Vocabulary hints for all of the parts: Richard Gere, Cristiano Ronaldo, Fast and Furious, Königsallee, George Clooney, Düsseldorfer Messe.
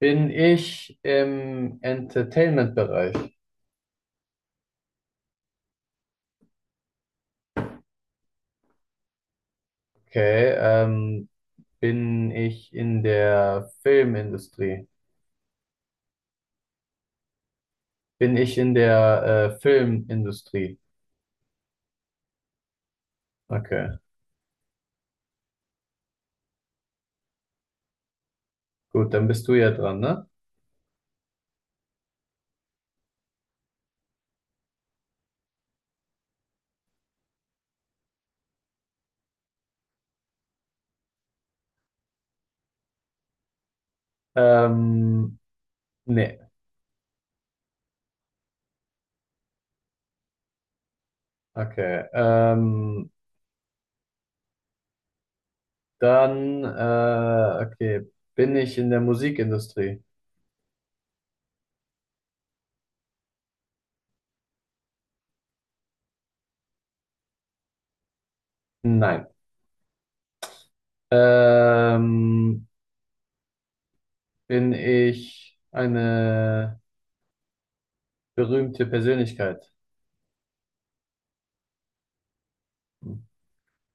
Bin ich im Entertainment-Bereich? Okay. Bin ich in der Filmindustrie? Bin ich in der Filmindustrie? Okay. Gut, dann bist du ja dran, ne? Ähm, nee. Okay. Okay. Bin ich in der Musikindustrie? Nein. Ähm, bin ich eine berühmte Persönlichkeit?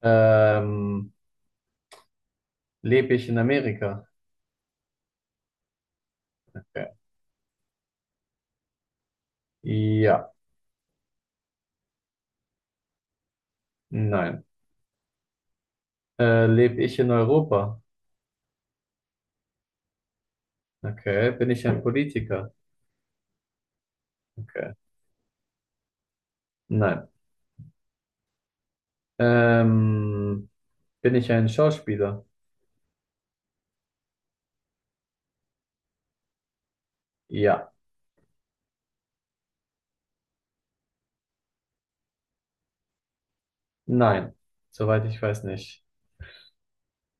Ähm, Lebe ich in Amerika? Okay. Ja, nein. Lebe ich in Europa? Okay. Bin ich ein Politiker? Okay. Nein. Ähm, bin ich ein Schauspieler? Ja, nein. Soweit ich weiß nicht.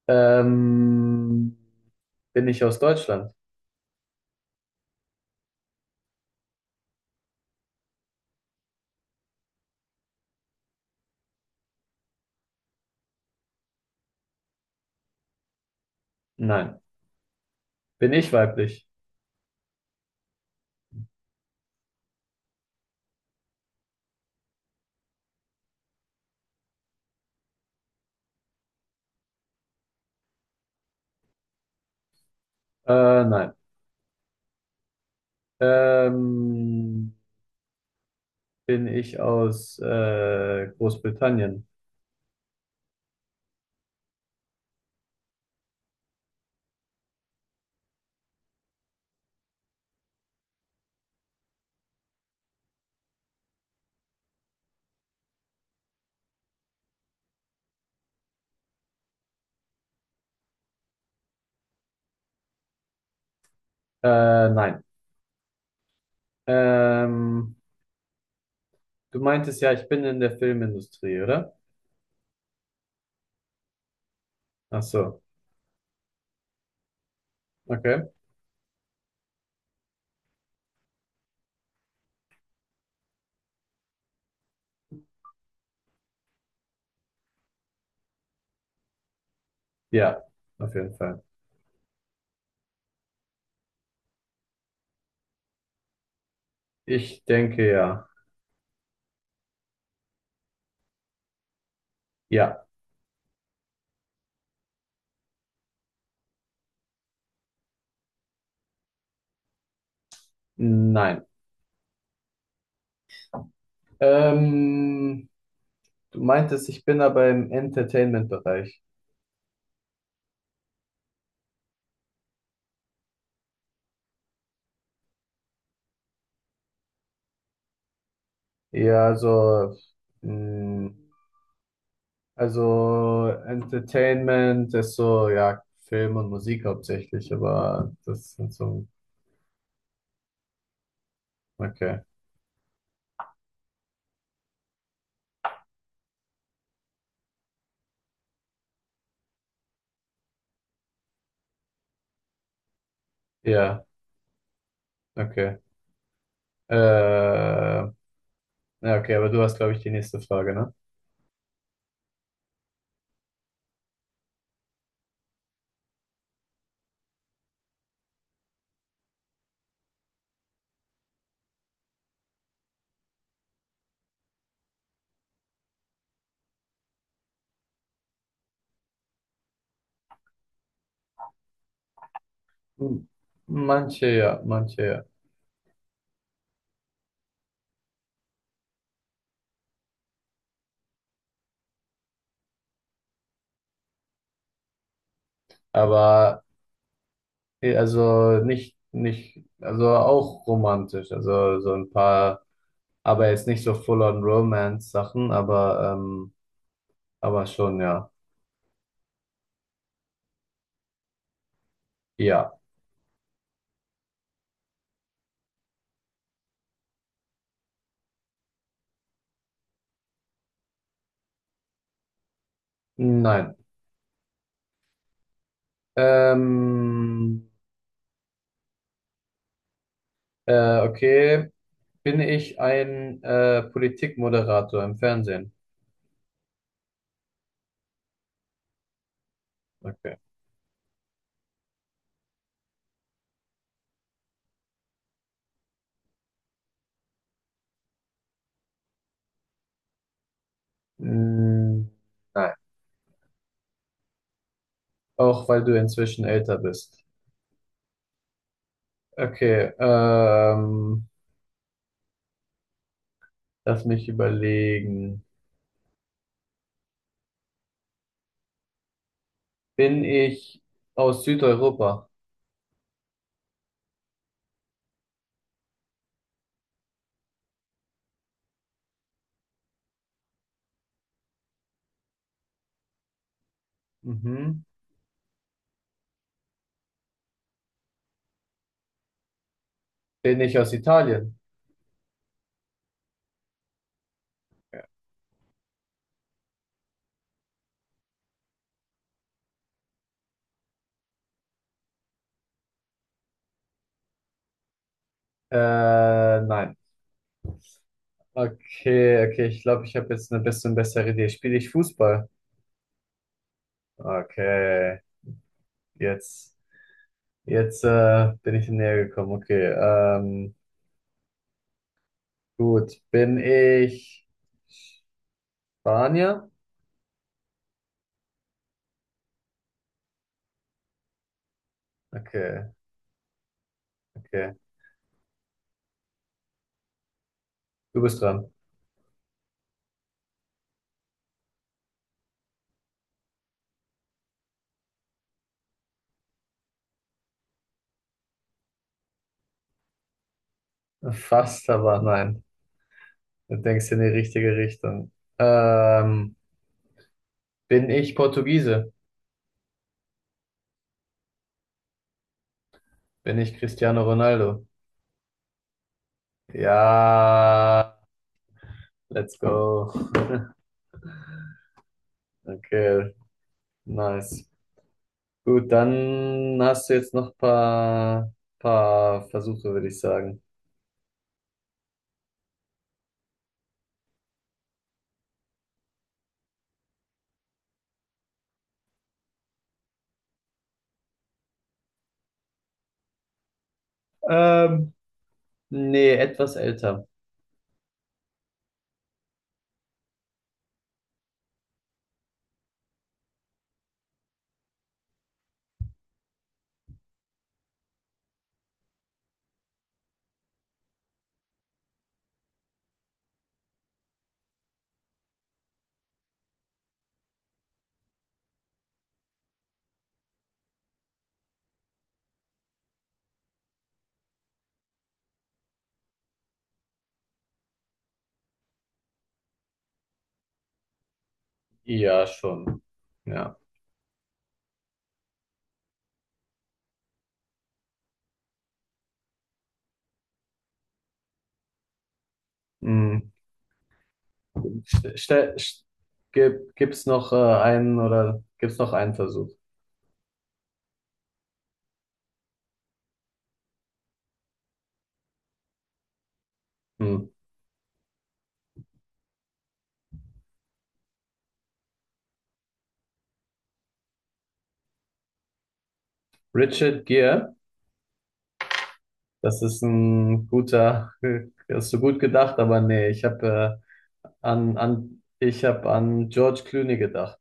Ähm, bin ich aus Deutschland? Nein. Bin ich weiblich? Nein. Ähm, bin ich aus Großbritannien? Nein. Ähm, du meintest ja, ich bin in der Filmindustrie, oder? Ach so, okay. Ja, auf jeden Fall. Ich denke ja. Ja, nein. Ähm, du meintest, ich bin aber im Entertainment-Bereich. Ja, also, mh, also Entertainment ist so, ja, Film und Musik hauptsächlich, aber das sind so, okay. Ja, okay. Ja, okay, aber du hast, glaube ich, die nächste Frage, ne? Hm. Manche ja, manche ja. Aber eh, also nicht, nicht, also auch romantisch, also so ein paar, aber jetzt nicht so full-on Romance-Sachen, aber schon, ja. Ja. Nein. Ähm, okay. Bin ich ein Politikmoderator im Fernsehen? Okay. Mm, nein. Auch weil du inzwischen älter bist. Okay. Lass mich überlegen. Bin ich aus Südeuropa? Mhm. Bin ich aus Italien? Äh, nein. Okay, okay, ich glaube, ich habe jetzt eine bisschen bessere Idee. Spiele ich Fußball? Okay, jetzt, jetzt äh, bin ich näher gekommen. Okay, gut. Bin ich Spanier? Okay, okay. Du bist dran. Fast, aber nein. Du denkst in die richtige Richtung. Ähm, bin ich Portugiese? Bin ich Cristiano Ronaldo? Ja, let's go. Okay, nice. Gut, dann hast du jetzt noch ein paar, Versuche, würde ich sagen. Ähm, nee, etwas älter. Ja, schon. Ja. Hm. St- ste- st- gibt's noch einen oder gibt's noch einen Versuch? Hm. Richard Gere, das ist ein guter, hast du gut gedacht, aber nee, ich habe ich habe an George Clooney gedacht.